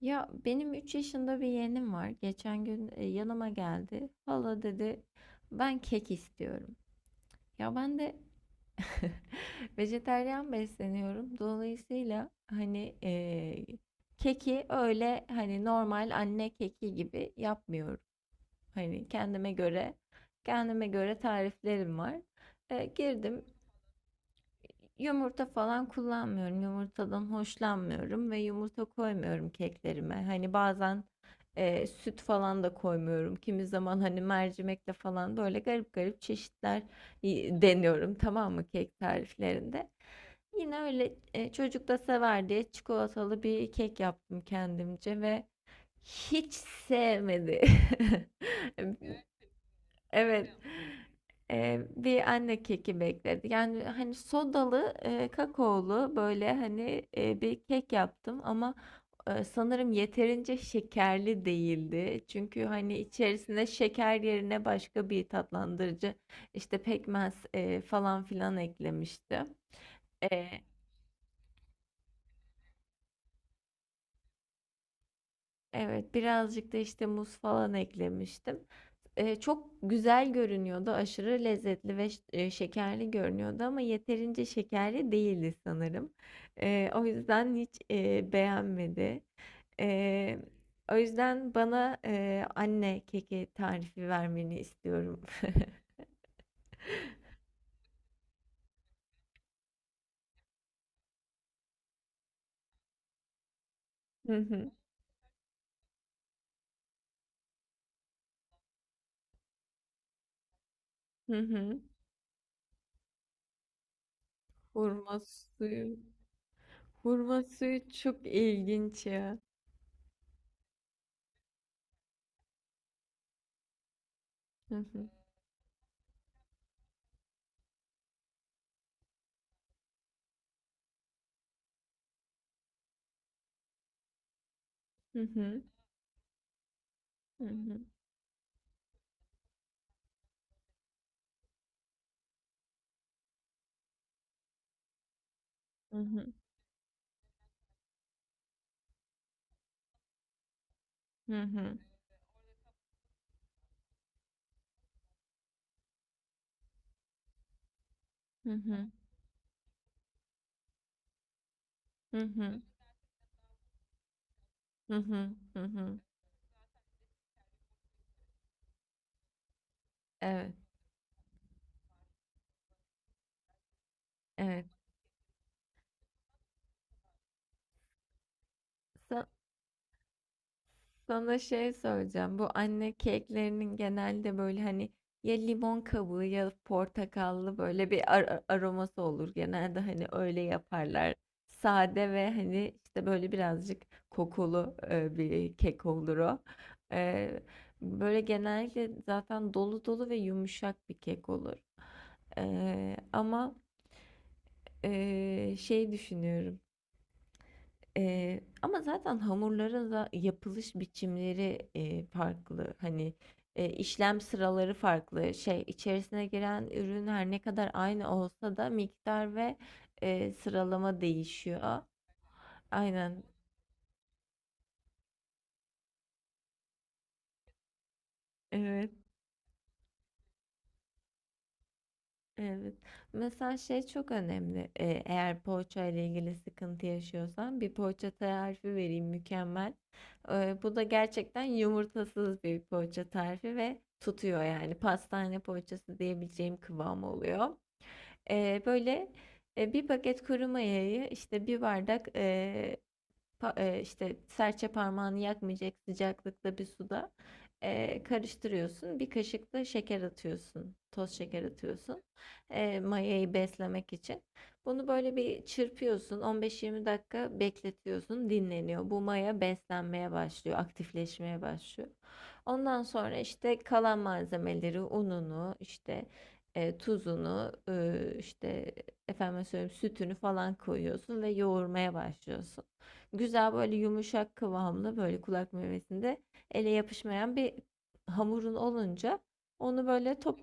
Ya benim 3 yaşında bir yeğenim var. Geçen gün yanıma geldi. Hala dedi ben kek istiyorum. Ya ben de vejetaryen besleniyorum. Dolayısıyla hani keki öyle hani normal anne keki gibi yapmıyorum. Hani kendime göre tariflerim var. Girdim. Yumurta falan kullanmıyorum. Yumurtadan hoşlanmıyorum ve yumurta koymuyorum keklerime. Hani bazen süt falan da koymuyorum. Kimi zaman hani mercimekle falan böyle garip garip çeşitler deniyorum, tamam mı, kek tariflerinde. Yine öyle çocuk da sever diye çikolatalı bir kek yaptım kendimce ve hiç sevmedi. Evet. Bir anne keki bekledi. Yani hani sodalı, kakaolu böyle hani bir kek yaptım ama sanırım yeterince şekerli değildi. Çünkü hani içerisine şeker yerine başka bir tatlandırıcı işte pekmez falan filan eklemiştim. Eee, evet birazcık da işte muz falan eklemiştim. Çok güzel görünüyordu, aşırı lezzetli ve ş şekerli görünüyordu ama yeterince şekerli değildi sanırım. O yüzden hiç, beğenmedi. Eee, o yüzden bana, anne keki tarifi vermeni istiyorum. Hı hı. Hı hı. Hurma suyu hurma suyu çok ilginç ya. Hı hı. Hı hı. Hı hı. Hı hı. Hı hı. Hı hı. Hı hı. Hı hı. Hı hı. Evet, evet. Sana şey söyleyeceğim. Bu anne keklerinin genelde böyle hani ya limon kabuğu ya portakallı böyle bir aroması olur. Genelde hani öyle yaparlar. Sade ve hani işte böyle birazcık kokulu bir kek olur o. E, böyle genellikle zaten dolu dolu ve yumuşak bir kek olur. Ama şey düşünüyorum. Ama zaten hamurların da yapılış biçimleri, farklı. Hani, işlem sıraları farklı. Şey, içerisine giren ürün her ne kadar aynı olsa da miktar ve, sıralama değişiyor. Aynen. Evet. Evet. Mesela şey çok önemli. Eğer poğaça ile ilgili sıkıntı yaşıyorsan bir poğaça tarifi vereyim, mükemmel. Bu da gerçekten yumurtasız bir poğaça tarifi ve tutuyor, yani pastane poğaçası diyebileceğim kıvam oluyor. Eee, böyle, 1 paket kuru mayayı, işte, bir bardak, pa işte, serçe parmağını yakmayacak sıcaklıkta bir suda, karıştırıyorsun. Bir kaşık da şeker atıyorsun, toz şeker atıyorsun, mayayı beslemek için. Bunu böyle bir çırpıyorsun, 15-20 dakika bekletiyorsun, dinleniyor. Bu maya beslenmeye başlıyor, aktifleşmeye başlıyor. Ondan sonra, işte, kalan malzemeleri, ununu, işte, tuzunu, işte efendim söyleyeyim sütünü falan koyuyorsun ve yoğurmaya başlıyorsun. Güzel böyle yumuşak kıvamlı böyle kulak memesinde ele yapışmayan bir hamurun olunca onu böyle top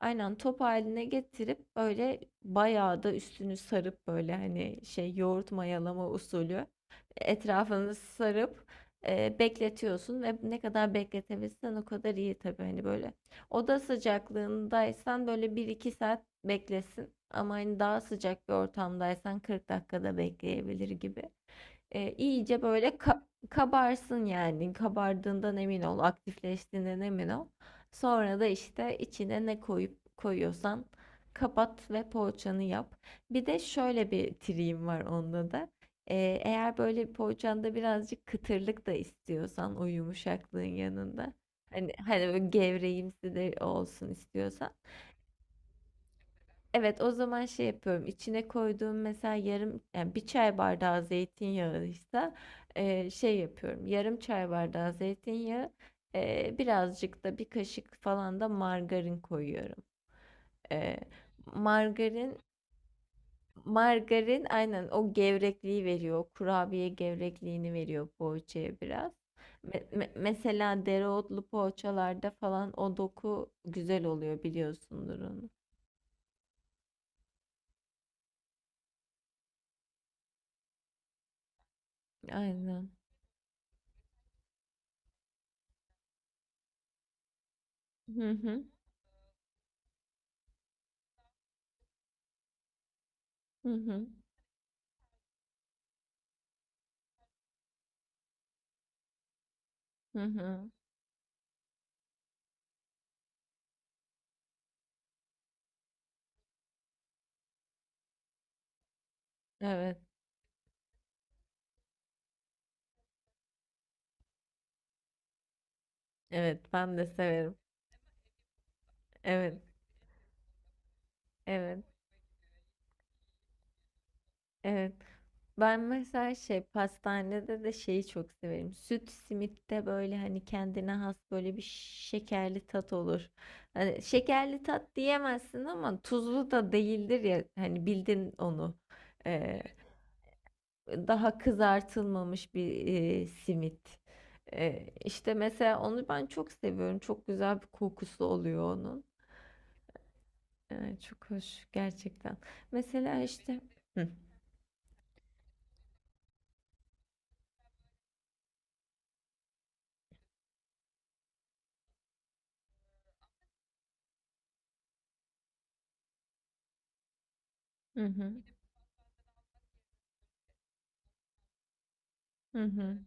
aynen top haline getirip böyle bayağı da üstünü sarıp, böyle hani şey yoğurt mayalama usulü etrafını sarıp bekletiyorsun ve ne kadar bekletebilirsen o kadar iyi. Tabii hani böyle oda sıcaklığındaysan böyle bir iki saat beklesin, ama hani daha sıcak bir ortamdaysan 40 dakikada bekleyebilir gibi iyice böyle kabarsın yani. Kabardığından emin ol, aktifleştiğinden emin ol. Sonra da işte içine ne koyup koyuyorsan kapat ve poğaçanı yap. Bir de şöyle bir triğim var onda da. E, eğer böyle poğaçanda birazcık kıtırlık da istiyorsan, o yumuşaklığın yanında. Hani, hani böyle gevreğimsi de olsun istiyorsan. Evet, o zaman şey yapıyorum. İçine koyduğum mesela yarım, yani bir çay bardağı zeytinyağıysa şey yapıyorum. Yarım çay bardağı zeytinyağı, birazcık da bir kaşık falan da margarin koyuyorum. Eee, margarin margarin aynen o gevrekliği veriyor. O kurabiye gevrekliğini veriyor poğaçaya biraz. Mesela dereotlu poğaçalarda falan o doku güzel oluyor, biliyorsundur onu. Aynen. Hı hı. Hı hı. Hı hı. Evet, evet ben de severim. Evet, evet, evet. Ben mesela şey pastanede de şeyi çok severim. Süt simitte böyle hani kendine has böyle bir şekerli tat olur. Hani şekerli tat diyemezsin ama tuzlu da değildir ya, hani bildin onu. Ee, daha kızartılmamış bir simit. İşte mesela onu ben çok seviyorum. Çok güzel bir kokusu oluyor onun. Ay, çok hoş gerçekten. Mesela işte. Hı. Hı hı. Hı hı.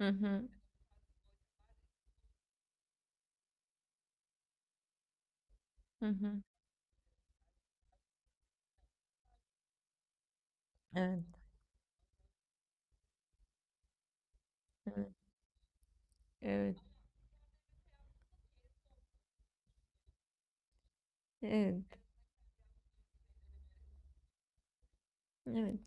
Hı hı. Hı hı. Evet. Evet. Evet. Evet. Evet.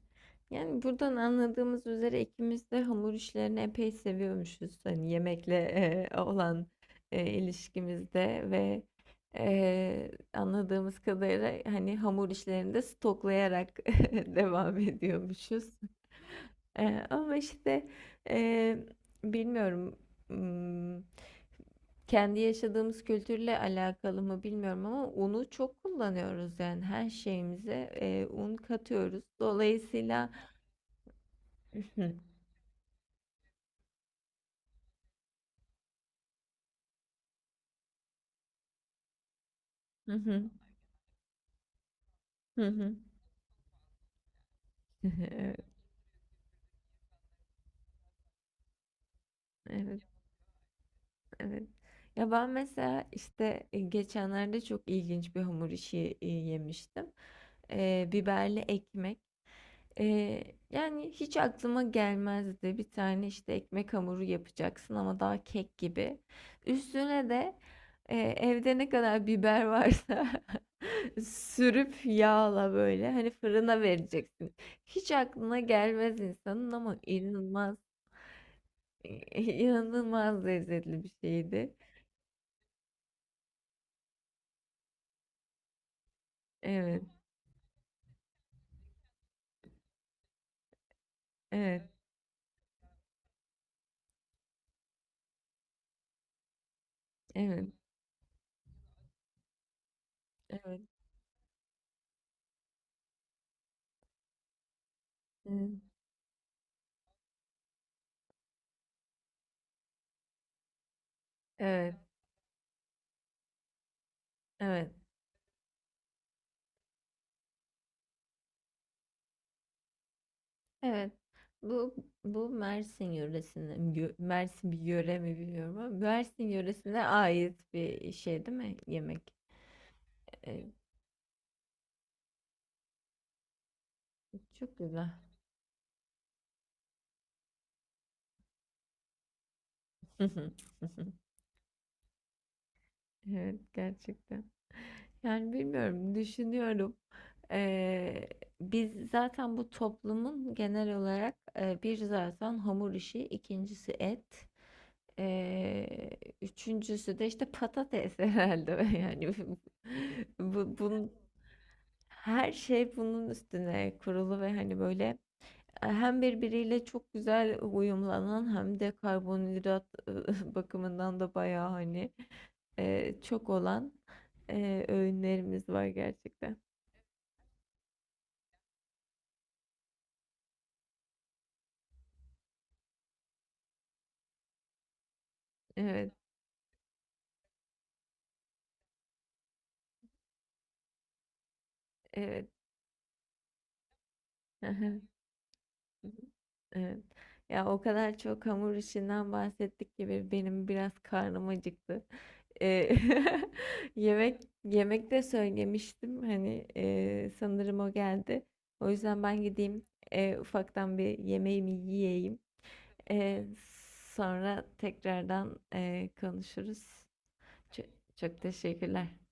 Yani buradan anladığımız üzere ikimiz de hamur işlerini epey seviyormuşuz. Hani yemekle olan ilişkimizde ve anladığımız kadarıyla hani hamur işlerini de stoklayarak devam ediyormuşuz. Ama işte e, bilmiyorum, m, kendi yaşadığımız kültürle alakalı mı bilmiyorum ama unu çok kullanıyoruz, yani her şeyimize un katıyoruz. Dolayısıyla Hı hı. Hı hı. Evet, evet, evet. Ya ben mesela işte geçenlerde çok ilginç bir hamur işi yemiştim. Biberli ekmek. E, yani hiç aklıma gelmezdi. Bir tane işte ekmek hamuru yapacaksın ama daha kek gibi. Üstüne de evde ne kadar biber varsa sürüp yağla böyle hani fırına vereceksin. Hiç aklına gelmez insanın ama inanılmaz. İnanılmaz lezzetli bir şeydi. Evet, evet, evet, evet, evet, evet, evet. Evet. Bu bu Mersin yöresine, Mersin bir yöre mi bilmiyorum ama Mersin yöresine ait bir şey değil mi? Yemek. Ee, çok güzel. Evet, gerçekten. Yani bilmiyorum, düşünüyorum. Ee, biz zaten bu toplumun genel olarak bir zaten hamur işi, ikincisi et. Ee, üçüncüsü de işte patates herhalde yani bunun her şey bunun üstüne kurulu ve hani böyle hem birbiriyle çok güzel uyumlanan hem de karbonhidrat bakımından da bayağı hani çok olan öğünlerimiz var gerçekten. Evet, evet. Evet. Ya o kadar çok hamur işinden bahsettik ki benim biraz karnım acıktı. Eee, yemek yemek de söylemiştim. Hani sanırım o geldi. O yüzden ben gideyim ufaktan bir yemeğimi yiyeyim. Eee, sonra tekrardan konuşuruz. Çok, çok teşekkürler.